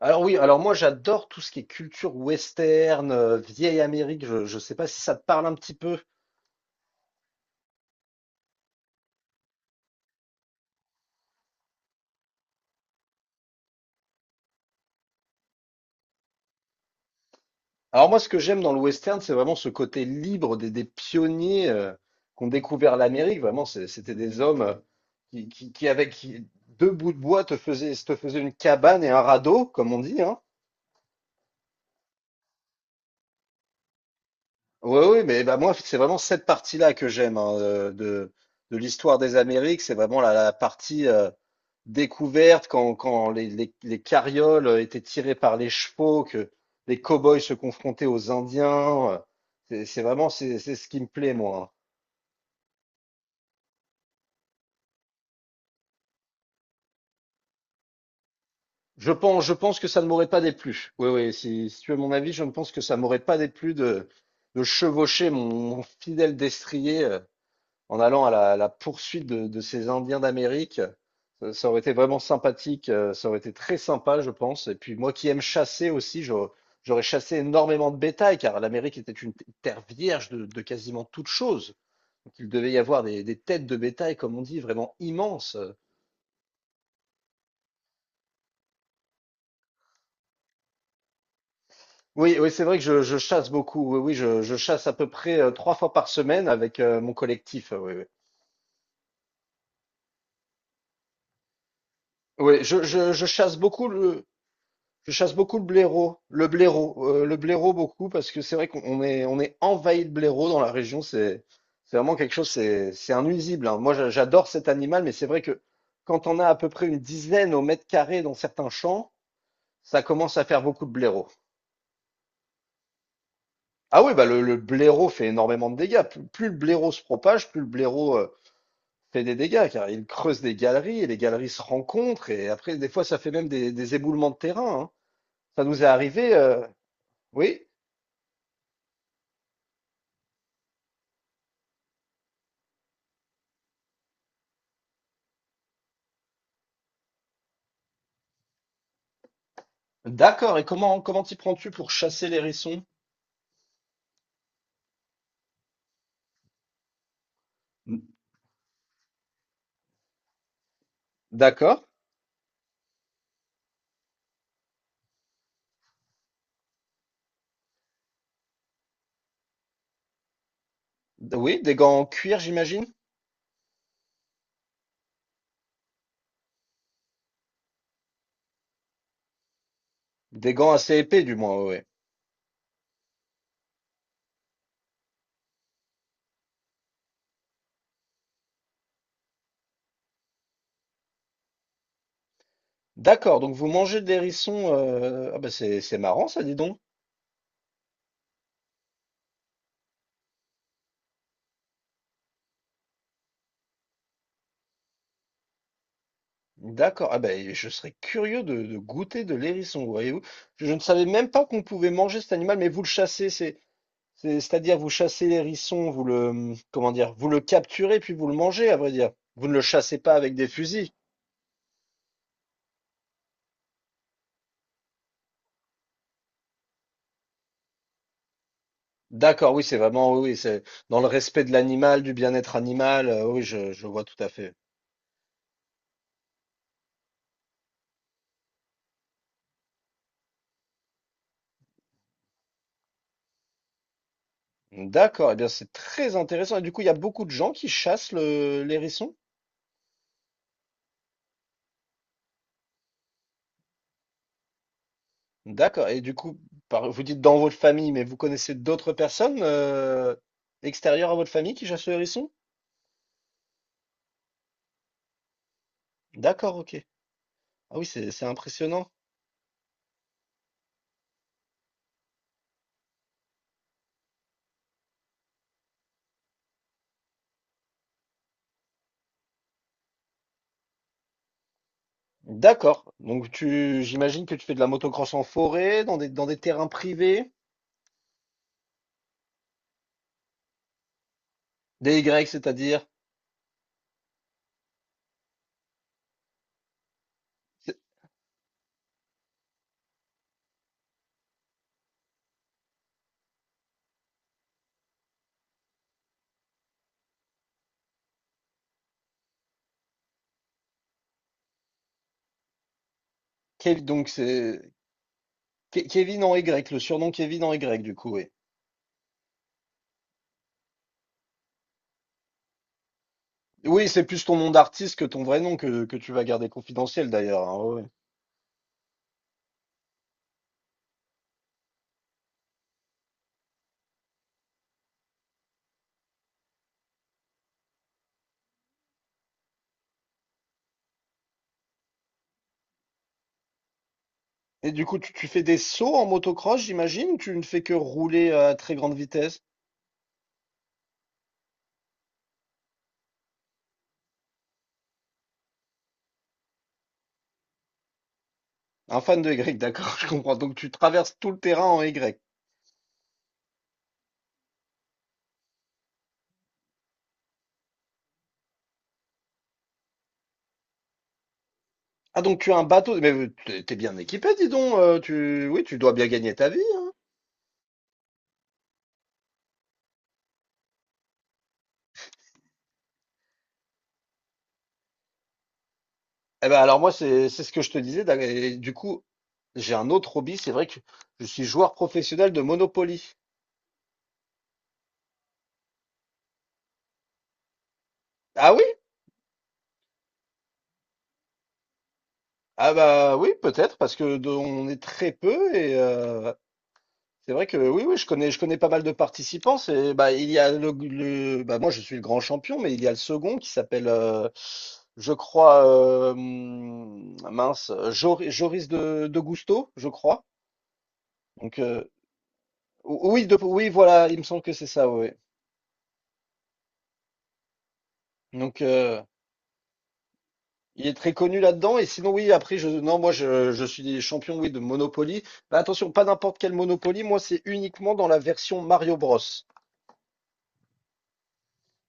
Alors oui, alors moi j'adore tout ce qui est culture western, vieille Amérique, je sais pas si ça te parle un petit peu. Alors moi ce que j'aime dans le western, c'est vraiment ce côté libre des pionniers qui ont découvert l'Amérique. Vraiment, c'était des hommes qui, qui, qui, avec qui- deux bouts de bois te faisaient une cabane et un radeau, comme on dit, hein. Oui, oui, mais bah moi, c'est vraiment cette partie-là que j'aime hein, de l'histoire des Amériques. C'est vraiment la partie découverte quand les carrioles étaient tirées par les chevaux, que les cow-boys se confrontaient aux Indiens. C'est vraiment c'est ce qui me plaît, moi. Je pense que ça ne m'aurait pas déplu. Oui, oui, si tu veux mon avis, je ne pense que ça m'aurait pas déplu de chevaucher mon fidèle destrier, en allant à la poursuite de ces Indiens d'Amérique. Ça aurait été vraiment sympathique, ça aurait été très sympa, je pense. Et puis moi qui aime chasser aussi, j'aurais chassé énormément de bétail, car l'Amérique était une terre vierge de quasiment toute chose. Donc il devait y avoir des têtes de bétail, comme on dit, vraiment immenses. Oui, oui, c'est vrai que je chasse beaucoup. Oui, oui, je chasse à peu près trois fois par semaine avec mon collectif. Oui, oui. Oui, je chasse beaucoup. Je chasse beaucoup le blaireau, le blaireau, le blaireau beaucoup parce que c'est vrai qu'on est on est envahi de blaireaux dans la région. C'est vraiment quelque chose. C'est un nuisible, hein. Moi, j'adore cet animal, mais c'est vrai que quand on a à peu près une dizaine au mètre carré dans certains champs, ça commence à faire beaucoup de blaireaux. Ah oui, bah le blaireau fait énormément de dégâts. Plus le blaireau se propage, plus le blaireau fait des dégâts, car il creuse des galeries et les galeries se rencontrent, et après des fois ça fait même des éboulements de terrain, hein. Ça nous est arrivé. Oui. D'accord. Et comment t'y prends-tu pour chasser l'hérisson? D'accord. Oui, des gants en cuir, j'imagine. Des gants assez épais, du moins, oui. D'accord. Donc vous mangez des hérissons. Ah bah c'est marrant, ça, dis donc. D'accord. Ah bah et je serais curieux de goûter de l'hérisson, voyez-vous. Je ne savais même pas qu'on pouvait manger cet animal, mais vous le chassez, c'est c'est-à-dire vous chassez l'hérisson, vous le comment dire, vous le capturez puis vous le mangez, à vrai dire. Vous ne le chassez pas avec des fusils. D'accord, oui, c'est vraiment, oui, oui, c'est dans le respect de l'animal, du bien-être animal. Oui, je vois tout à fait. D'accord, eh bien, c'est très intéressant. Et du coup, il y a beaucoup de gens qui chassent l'hérisson? D'accord. Et du coup, vous dites dans votre famille, mais vous connaissez d'autres personnes extérieures à votre famille qui chassent le hérisson? D'accord, ok. Ah oui, c'est impressionnant. D'accord. Donc, tu, j'imagine que tu fais de la motocross en forêt, dans dans des terrains privés, des Y, c'est-à-dire. C'est- Donc, c'est Kevin en Y, le surnom Kevin en Y, du coup, oui. Oui, c'est plus ton nom d'artiste que ton vrai nom que tu vas garder confidentiel d'ailleurs, hein, ouais, ouais. Et du coup, tu fais des sauts en motocross, j'imagine, ou tu ne fais que rouler à très grande vitesse? Un fan de Y, d'accord, je comprends. Donc tu traverses tout le terrain en Y. Ah, donc tu as un bateau, mais t'es bien équipé, dis donc. Oui, tu dois bien gagner ta vie. Eh ben alors moi, c'est ce que je te disais. Du coup, j'ai un autre hobby. C'est vrai que je suis joueur professionnel de Monopoly. Ah oui? Ah bah oui, peut-être, parce que on est très peu et c'est vrai que oui, oui, je connais pas mal de participants. C'est bah il y a bah moi je suis le grand champion, mais il y a le second qui s'appelle, je crois, mince, Joris de Gusto, je crois. Donc oui, oui, voilà, il me semble que c'est ça, oui. Donc il est très connu là-dedans. Et sinon, oui, après, non, je suis champion, oui, de Monopoly. Mais attention, pas n'importe quel Monopoly. Moi, c'est uniquement dans la version Mario Bros.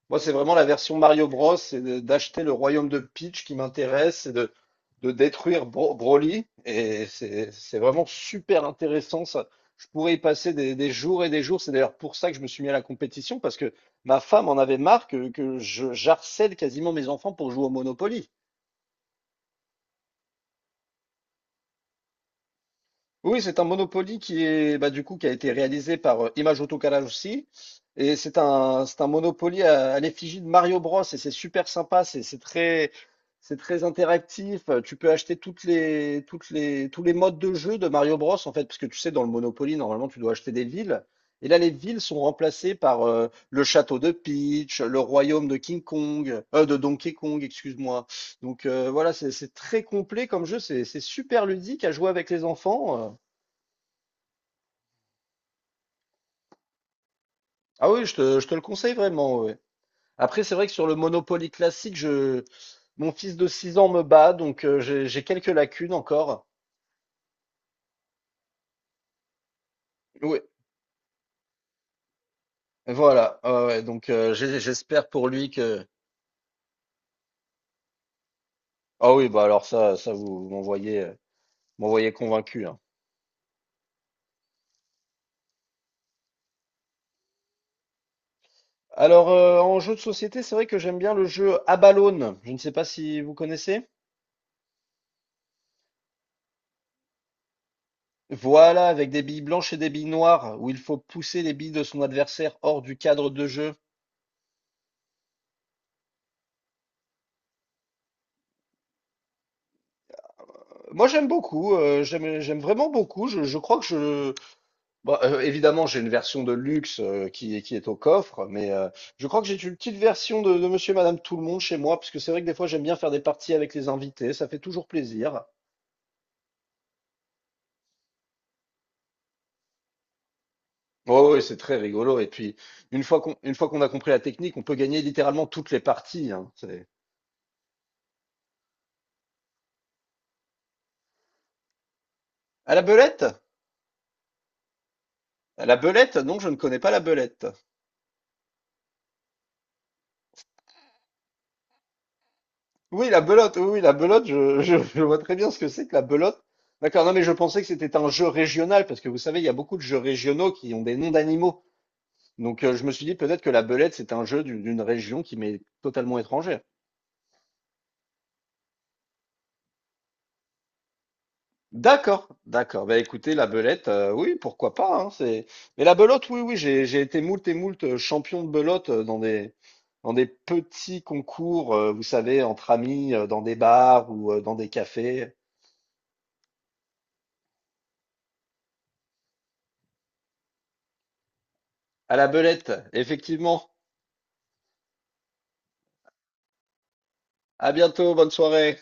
Moi, c'est vraiment la version Mario Bros. D'acheter le royaume de Peach qui m'intéresse, de détruire Broly. C'est vraiment super intéressant, ça. Je pourrais y passer des jours et des jours. C'est d'ailleurs pour ça que je me suis mis à la compétition, parce que ma femme en avait marre j'harcèle quasiment mes enfants pour jouer au Monopoly. Oui, c'est un Monopoly qui est bah, du coup qui a été réalisé par Image Autocalat aussi. Et c'est un Monopoly à l'effigie de Mario Bros. Et c'est super sympa, c'est très c'est très interactif. Tu peux acheter toutes les tous les modes de jeu de Mario Bros. En fait, parce que tu sais dans le Monopoly normalement tu dois acheter des villes. Et là les villes sont remplacées par le château de Peach, le royaume de King Kong, de Donkey Kong, excuse-moi. Donc voilà, c'est très complet comme jeu, c'est super ludique à jouer avec les enfants. Ah oui, je te le conseille vraiment, ouais. Après, c'est vrai que sur le Monopoly classique, mon fils de 6 ans me bat, donc j'ai quelques lacunes encore. Oui, voilà. Ah ouais, donc j'espère pour lui que. Ah oui, bah alors ça, vous m'envoyez, m'envoyez convaincu, hein. Alors en jeu de société, c'est vrai que j'aime bien le jeu à ballonne. Je ne sais pas si vous connaissez. Voilà, avec des billes blanches et des billes noires, où il faut pousser les billes de son adversaire hors du cadre de jeu. Moi, j'aime beaucoup, j'aime vraiment beaucoup. Je crois que évidemment, j'ai une version de luxe, qui est au coffre, mais, je crois que j'ai une petite version de Monsieur et Madame Tout-le-Monde chez moi, parce que c'est vrai que des fois, j'aime bien faire des parties avec les invités, ça fait toujours plaisir. Oh, oui, ouais, c'est très rigolo et puis une fois qu'on a compris la technique, on peut gagner littéralement toutes les parties, hein, c'est à la belette. À la belette? Non, je ne connais pas la belette. Oui, la belote, oui, oui, la belote, je vois très bien ce que c'est que la belote. D'accord, non, mais je pensais que c'était un jeu régional, parce que vous savez, il y a beaucoup de jeux régionaux qui ont des noms d'animaux. Donc, je me suis dit peut-être que la belette, c'est un jeu d'une région qui m'est totalement étrangère. D'accord, d'accord. Bah écoutez, la belette, oui, pourquoi pas, hein, c'est... Mais la belote, oui, oui, j'ai été moult et moult champion de belote dans dans des petits concours, vous savez, entre amis, dans des bars ou dans des cafés. À la belette, effectivement. À bientôt, bonne soirée.